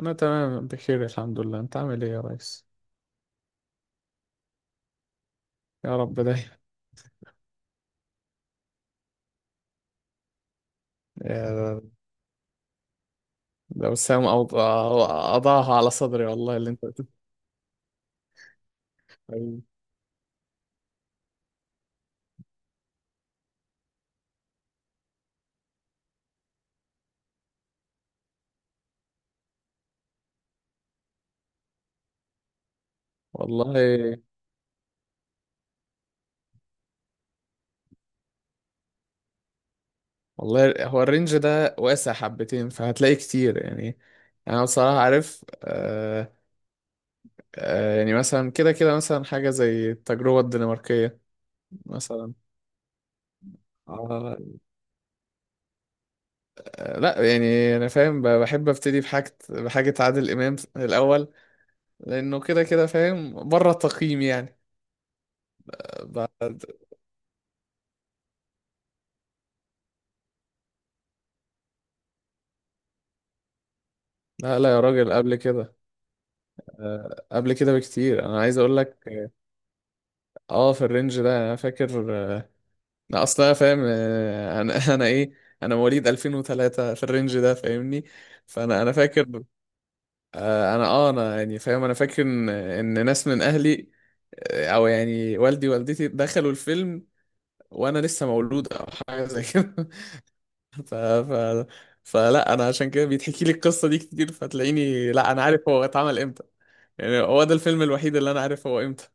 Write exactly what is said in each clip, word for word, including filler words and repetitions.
أنا تمام بخير، الحمد لله. أنت عامل إيه يا ريس؟ يا رب دايما. يا، ده وسام أوض- أضعها على صدري، والله اللي أنت بتقوله حبيبي. والله والله، هو الرينج ده واسع حبتين، فهتلاقي كتير يعني. أنا بصراحة عارف. آه آه يعني مثلا كده كده، مثلا حاجة زي التجربة الدنماركية مثلا. آه آه، لا يعني انا فاهم. ب- بحب ابتدي بحاجه بحاجه عادل امام الاول، لانه كده كده فاهم بره التقييم يعني. لا لا يا راجل، قبل كده. آه، قبل كده بكتير، انا عايز اقول لك. اه في الرينج ده انا فاكر. آه، انا اصلا فاهم. آه، انا انا ايه انا مواليد ألفين وثلاثة في الرينج ده، فاهمني. فانا انا فاكر. آه، انا اه انا يعني فاهم. انا فاكر ان ان ناس من اهلي. آه، او يعني والدي والدتي دخلوا الفيلم، وانا لسه مولود او حاجه زي كده. ف ف فلا انا عشان كده بيتحكي لي القصه دي كتير، فتلاقيني لا، انا عارف هو اتعمل. يعني هو ده الفيلم الوحيد اللي انا عارف هو امتى.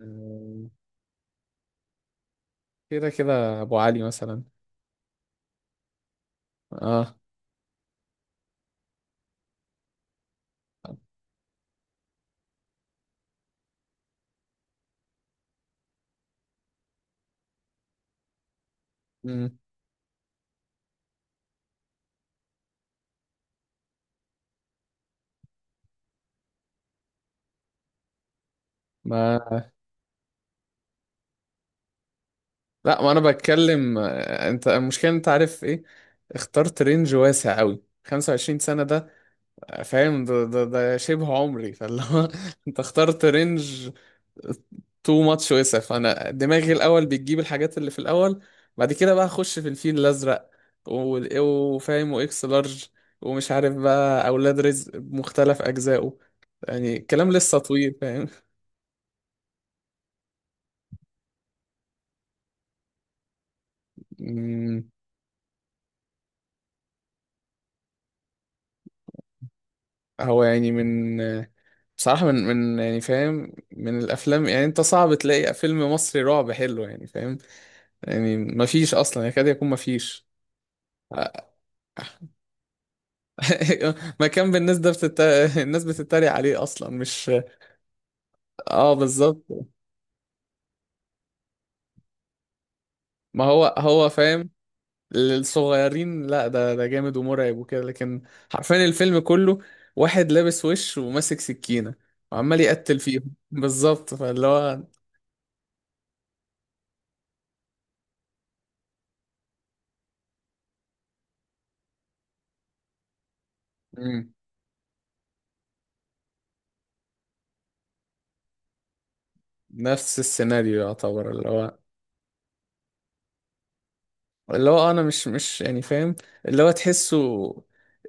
آه، كده كده ابو علي مثلا. اه. مم. ما لا، ما انا بتكلم. آه، انت المشكله، انت عارف ايه، اخترت رينج واسع قوي، خمس وعشرين سنه ده. آه، فاهم، ده ده, ده شبه عمري، فاللي هو انت اخترت رينج تو ماتش وسع. فانا دماغي الاول بتجيب الحاجات اللي في الاول، بعد كده بقى اخش في الفيل الازرق وال- وفاهم واكس لارج، ومش عارف بقى اولاد رزق بمختلف اجزائه. يعني الكلام لسه طويل فاهم. مم. هو يعني من بصراحة، من من يعني فاهم، من الافلام يعني، انت صعب تلاقي فيلم مصري رعب حلو يعني فاهم. يعني مفيش اصلا، يكاد يكون مفيش. مكان بالنسبة بتت... الناس بتتريق عليه اصلا. مش، اه بالظبط. ما هو هو فاهم للصغيرين. لا، ده ده جامد ومرعب وكده، لكن حرفيا الفيلم كله واحد لابس وش وماسك سكينة، وعمال يقتل فيهم بالظبط. فاللي هو مم. نفس السيناريو يعتبر. اللي هو اللي هو انا مش مش يعني فاهم، اللي هو تحسه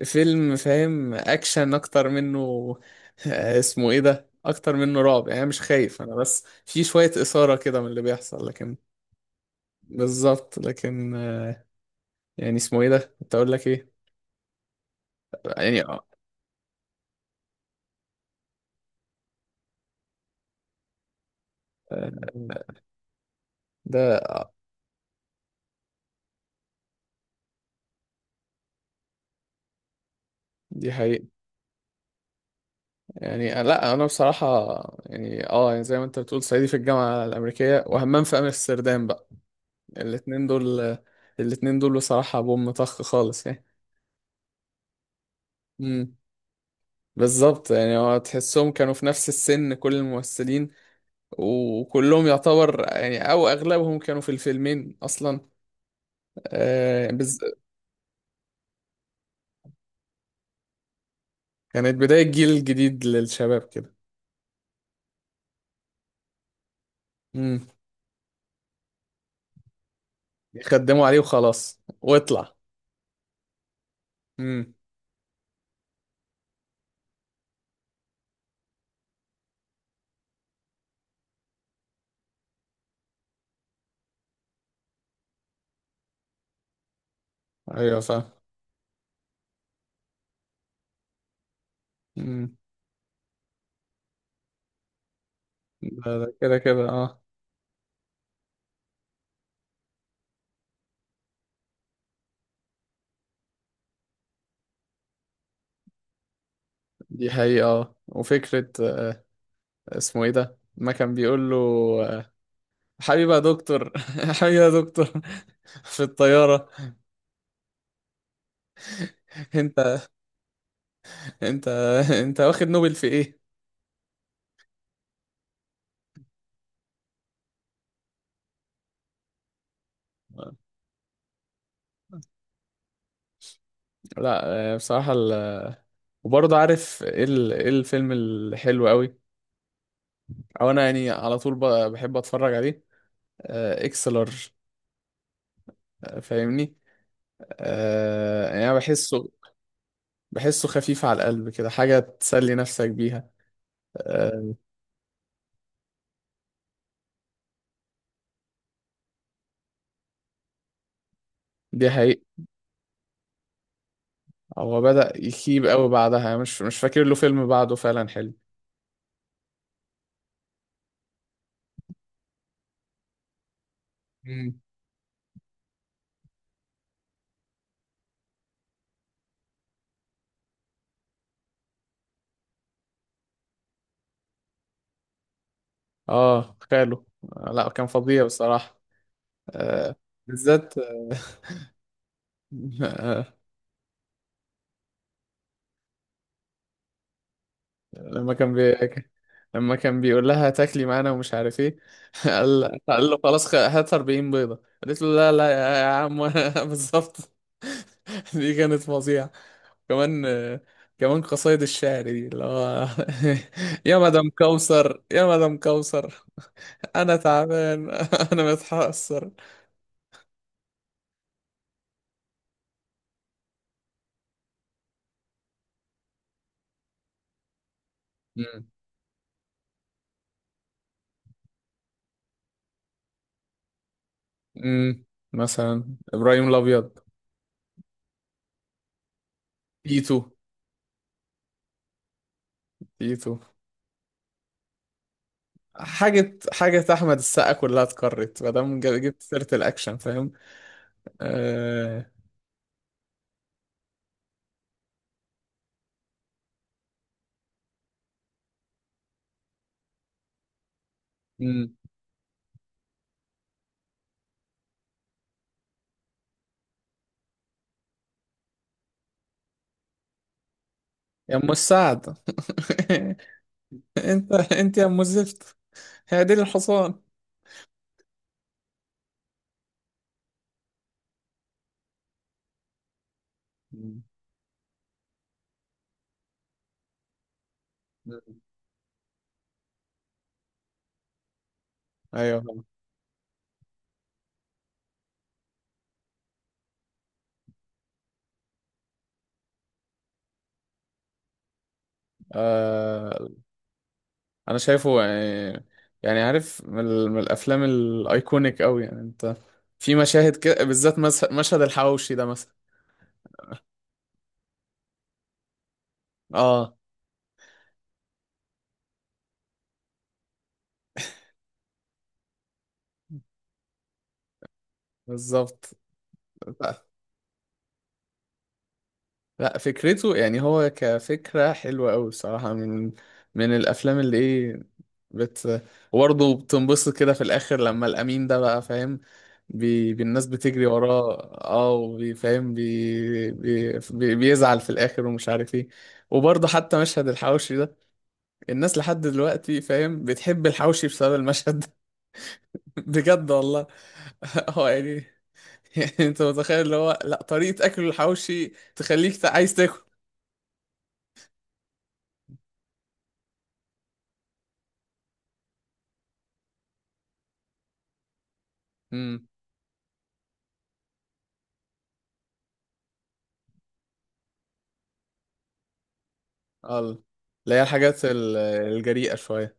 فيلم، فاهم، اكشن اكتر منه. اسمه ايه ده، اكتر منه رعب يعني. أنا مش خايف، انا بس في شوية إثارة كده من اللي بيحصل، لكن بالظبط. لكن يعني اسمه ايه ده، كنت اقول لك ايه. يعني، آه، ده. دي حقيقة. يعني، آه، لا انا بصراحة يعني، اه يعني زي ما انت بتقول صعيدي في الجامعة الامريكية، وهمام في امستردام بقى. الاتنين دول، الاتنين دول بصراحة بوم طخ خالص يعني. امم. بالظبط. يعني هو تحسهم كانوا في نفس السن، كل الممثلين وكلهم يعتبر، يعني او اغلبهم كانوا في الفيلمين اصلا. آه بز... كانت بداية جيل جديد للشباب كده. مم. يخدموا عليه وخلاص واطلع. امم. ايوه فاهم. امم. ده ده كده كده اه. دي حقيقة اه، وفكرة. آه، اسمه ايه ده، ما كان بيقول له آه، حبيبي يا دكتور. حبيبي يا دكتور. في الطيارة. انت انت انت واخد نوبل في ايه؟ لا. آه، بصراحة ال... وبرضه عارف ايه ال... ايه الفيلم الحلو قوي، او انا يعني على طول ب... بحب اتفرج عليه. آه، اكس لارج. آه، فاهمني. آه، يعني أنا بحسه، بحسه خفيف على القلب كده، حاجة تسلي نفسك بيها. آه، دي حقيقة. هو بدأ يخيب قوي بعدها، يعني مش مش فاكر له فيلم بعده فعلا حلو. مم. اه خاله. آه، لا كان فظيع بصراحة. آه، بالذات. لما كان بي... لما كان بيقول لها تاكلي معانا ومش عارف ايه. قال قال له خلاص، خ- هات أربعين بيضة. قالت له لا لا يا يا عم. وأنا بالظبط. دي كانت فظيعة. كمان، كمان قصايد الشعر دي اللي هو يا مدام كوثر، يا مدام كوثر، انا تعبان، انا متحسر. مم. مم. مثلا ابراهيم الابيض. تيتو. تيتو. حاجة حاجة أحمد السقا كلها اتكررت، ما دام جا- جبت سيرة الأكشن فاهم. آه. مم. يا أم السعد. أنت أنت يا أم الزفت، هي دي الحصان. مم. أيوه. آه. أنا شايفه يعني، يعني عارف من ال... من الأفلام الأيكونيك أوي، يعني أنت في مشاهد كده، بالذات مس... مشهد الحواوشي ده مثلا. أه بالظبط. لا فكرته يعني هو كفكرة حلوة أوي الصراحة، من من الأفلام اللي إيه بت وبرضه بتنبسط كده في الآخر، لما الأمين ده بقى فاهم، بي... بي- الناس بتجري وراه. اه وبي- فاهم بي... بي... بي... بيزعل في الآخر ومش عارف إيه. وبرضه حتى مشهد الحواوشي ده، الناس لحد دلوقتي فاهم بتحب الحواوشي بسبب المشهد ده. بجد والله. هو يعني، يعني أنت متخيل، اللي هو لا، طريقة أكل الحواوشي تخليك عايز تاكل. اه اللي هي الحاجات ال- الجريئة شوية.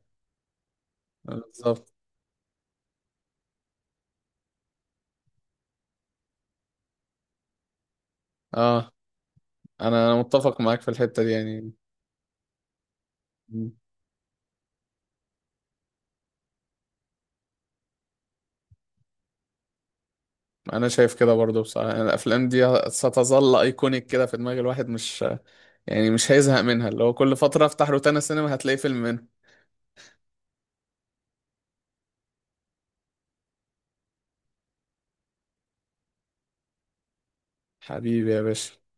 بالظبط. اه، انا أنا متفق معاك في الحتة دي يعني. م. انا شايف كده برضو بصراحة، يعني الافلام دي ستظل ايكونيك كده في دماغ الواحد، مش يعني مش هيزهق منها، اللي هو كل فترة افتح روتانا سينما هتلاقي فيلم منها. حبيبي يا باشا.